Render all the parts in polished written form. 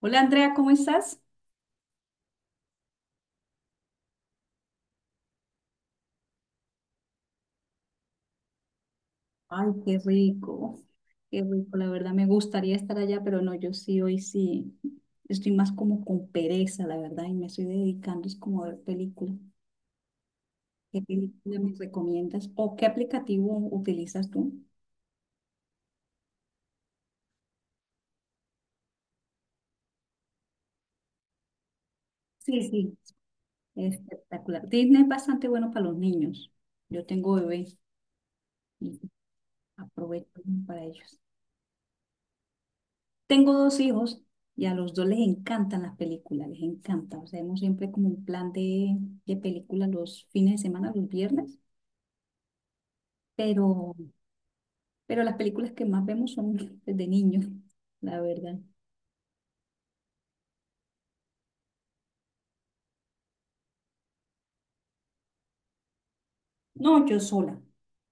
Hola Andrea, ¿cómo estás? Ay, qué rico, la verdad me gustaría estar allá, pero no, yo sí, hoy sí, estoy más como con pereza, la verdad, y me estoy dedicando es como a ver película. ¿Qué película me recomiendas o qué aplicativo utilizas tú? Sí, sí, espectacular. Disney es bastante bueno para los niños. Yo tengo bebé y aprovecho para ellos. Tengo dos hijos y a los dos les encantan las películas, les encanta. O sea, hemos siempre como un plan de película los fines de semana, los viernes, pero, pero las películas que más vemos son pues, de niños, la verdad. No, yo sola.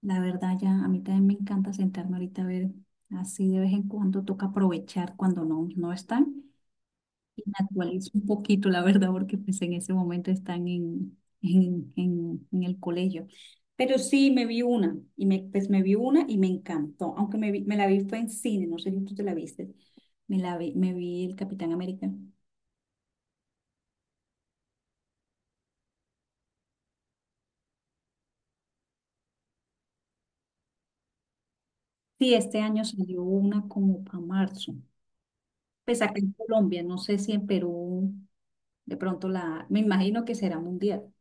La verdad, ya a mí también me encanta sentarme ahorita a ver, así de vez en cuando toca aprovechar cuando no, no están. Y me actualizo un poquito, la verdad, porque pues en ese momento están en el colegio. Pero sí, me vi una, y me, pues me vi una y me encantó, aunque me la vi fue en cine, no sé si tú te la viste, me vi el Capitán América. Sí, este año salió una como para marzo, pues acá en Colombia, no sé si en Perú, de pronto la, me imagino que será mundial.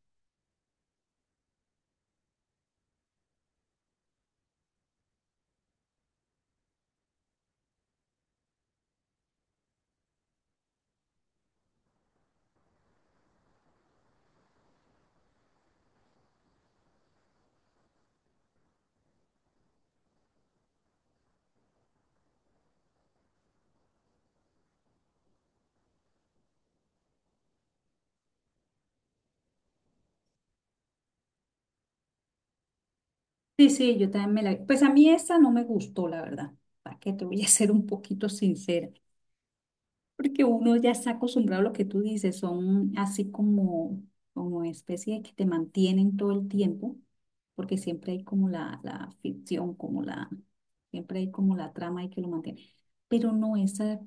Sí, sí, yo también me la vi. Pues a mí esa no me gustó, la verdad, para qué te voy a ser un poquito sincera. Porque uno ya está acostumbrado a lo que tú dices, son así como, como especie de que te mantienen todo el tiempo, porque siempre hay como la ficción, como la, siempre hay como la trama y que lo mantiene. Pero no, esa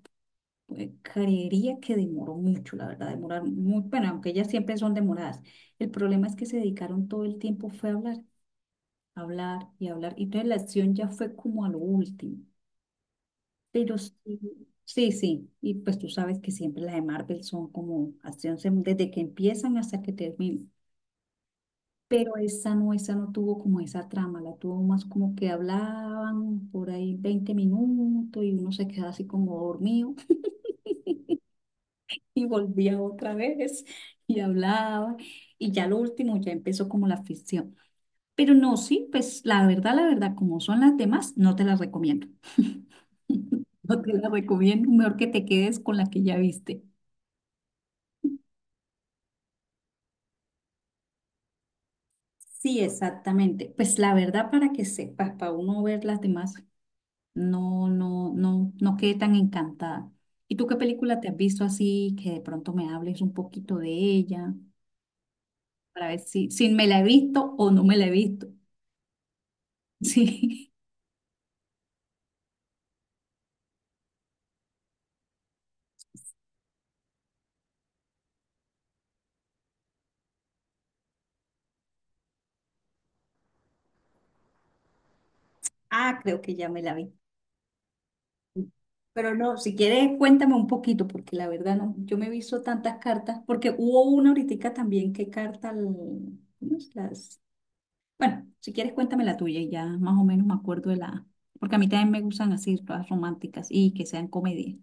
creería que demoró mucho, la verdad, demorar muy, bueno, aunque ellas siempre son demoradas. El problema es que se dedicaron todo el tiempo fue a hablar, hablar y hablar, y entonces la acción ya fue como a lo último. Pero sí, sí, sí. Y pues tú sabes que siempre las de Marvel son como acción sem- desde que empiezan hasta que terminan. Pero esa no tuvo como esa trama, la tuvo más como que hablaban por ahí 20 minutos y uno se quedaba así como dormido y volvía otra vez y hablaba. Y ya lo último ya empezó como la ficción. Pero no, sí, pues la verdad, como son las demás, no te las recomiendo. No te las recomiendo, mejor que te quedes con la que ya viste. Sí, exactamente. Pues la verdad, para que sepas, para uno ver las demás, no, no, no, no quedé tan encantada. ¿Y tú qué película te has visto así que de pronto me hables un poquito de ella para ver si, si me la he visto o no me la he visto? Sí. Ah, creo que ya me la vi. Pero no, si quieres, cuéntame un poquito, porque la verdad no, yo me he visto tantas cartas, porque hubo una ahorita también que carta, al- ¿cómo es? Las Bueno, si quieres cuéntame la tuya y ya más o menos me acuerdo de la... Porque a mí también me gustan así, todas románticas y que sean comedia.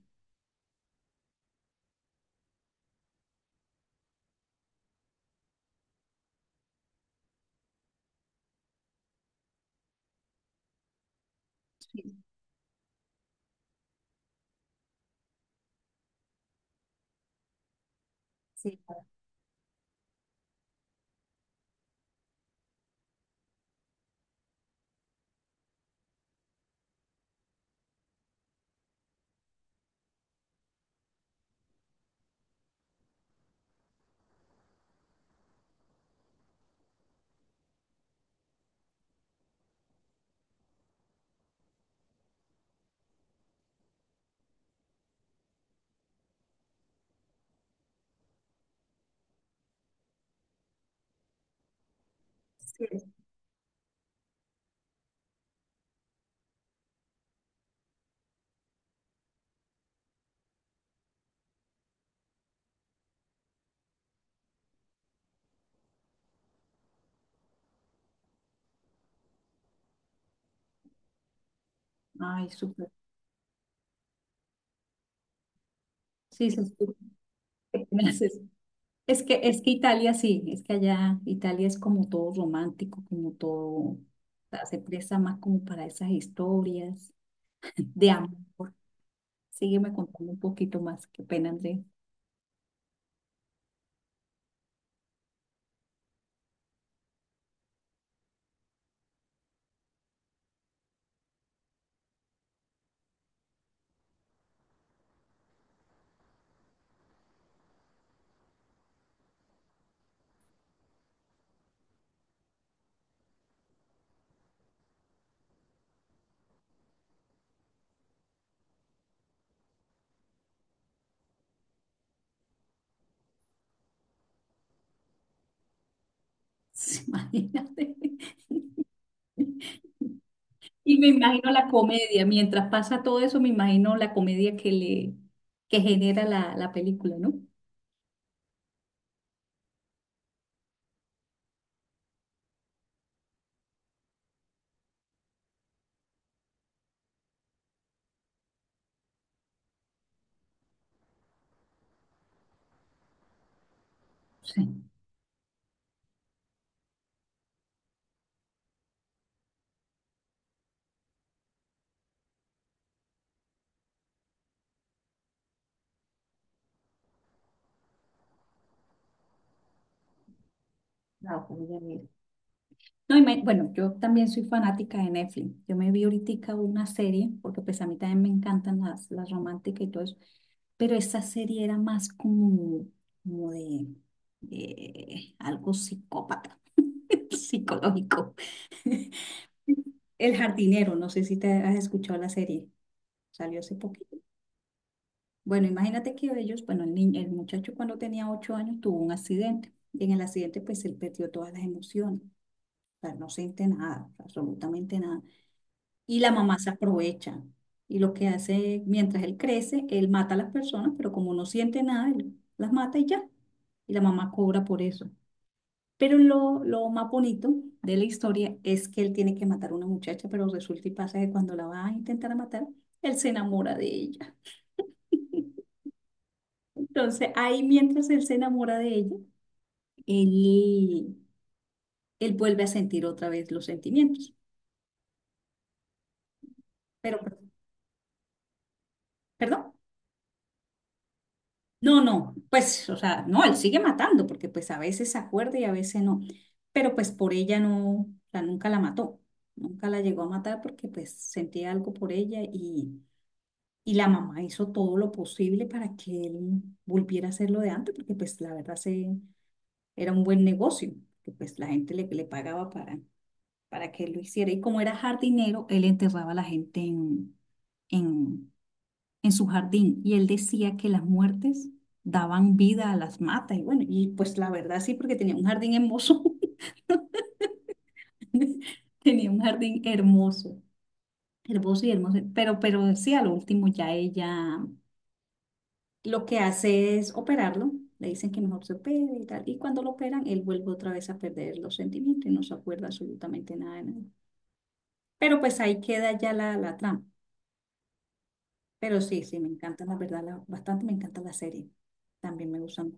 Sí, sí, sí. Ay, súper. Sí, sí, sí. Gracias. Es que Italia sí, es que allá Italia es como todo romántico, como todo, o sea, se presta más como para esas historias de amor. Sígueme contando un poquito más, qué pena, Andrea. Imagínate. Y me imagino la comedia, mientras pasa todo eso, me imagino la comedia que le que genera la película, ¿no? Sí. No, pues mira. No, y me- bueno, yo también soy fanática de Netflix. Yo me vi ahorita una serie, porque pues a mí también me encantan las románticas y todo eso, pero esa serie era más como, como de, de algo psicópata, psicológico. El jardinero, no sé si te has escuchado la serie, salió hace poquito. Bueno, imagínate que ellos, bueno, el niño, el muchacho cuando tenía 8 años tuvo un accidente. Y en el accidente, pues él perdió todas las emociones. O sea, no siente nada, absolutamente nada. Y la mamá se aprovecha. Y lo que hace, mientras él crece, él mata a las personas, pero como no siente nada, él las mata y ya. Y la mamá cobra por eso. Pero lo más bonito de la historia es que él tiene que matar a una muchacha, pero resulta y pasa que cuando la va a intentar matar, él se enamora de ella. Entonces, ahí mientras él se enamora de ella, él, él vuelve a sentir otra vez los sentimientos. Pero, perdón, no, no, pues, o sea, no, él sigue matando, porque pues a veces se acuerda y a veces no. Pero pues por ella no, o sea, nunca la mató, nunca la llegó a matar porque pues sentía algo por ella y la mamá hizo todo lo posible para que él volviera a hacer lo de antes, porque pues la verdad se, era un buen negocio, que pues la gente le, le pagaba para que lo hiciera. Y como era jardinero, él enterraba a la gente en, en su jardín. Y él decía que las muertes daban vida a las matas. Y bueno, y pues la verdad sí, porque tenía un jardín hermoso. Tenía un jardín hermoso, hermoso y hermoso. Pero sí, a lo último ya ella lo que hace es operarlo. Le dicen que mejor se opere y tal. Y cuando lo operan, él vuelve otra vez a perder los sentimientos y no se acuerda absolutamente nada de nada. Pero pues ahí queda ya la trama. Pero sí, sí, me encanta, la verdad, la- bastante me encanta la serie. También me gustan.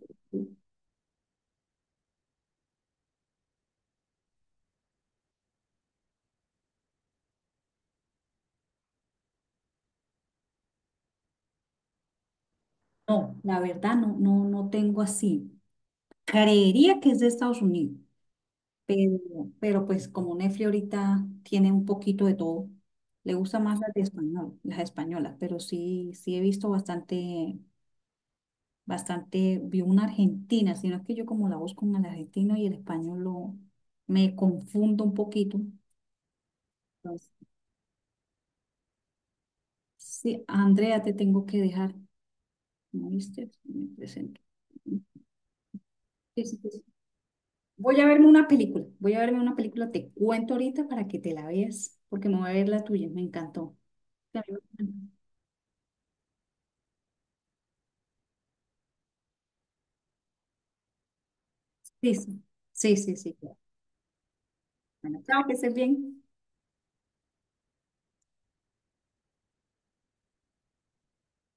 No, la verdad, no, no, no tengo así. Creería que es de Estados Unidos, pero, pero pues como Netflix ahorita tiene un poquito de todo, le gusta más las de español, las españolas, pero sí, sí he visto bastante, bastante, vi una argentina, sino que yo como la busco en el argentino y el español lo, me confundo un poquito. Entonces, sí, Andrea, te tengo que dejar. ¿No viste? Me presento. Sí, sí, sí. Voy a verme una película. Voy a verme una película. Te cuento ahorita para que te la veas, porque me voy a ver la tuya. Me encantó. Sí, sí, sí. Sí. Sí, claro. Bueno, chao, que estés bien.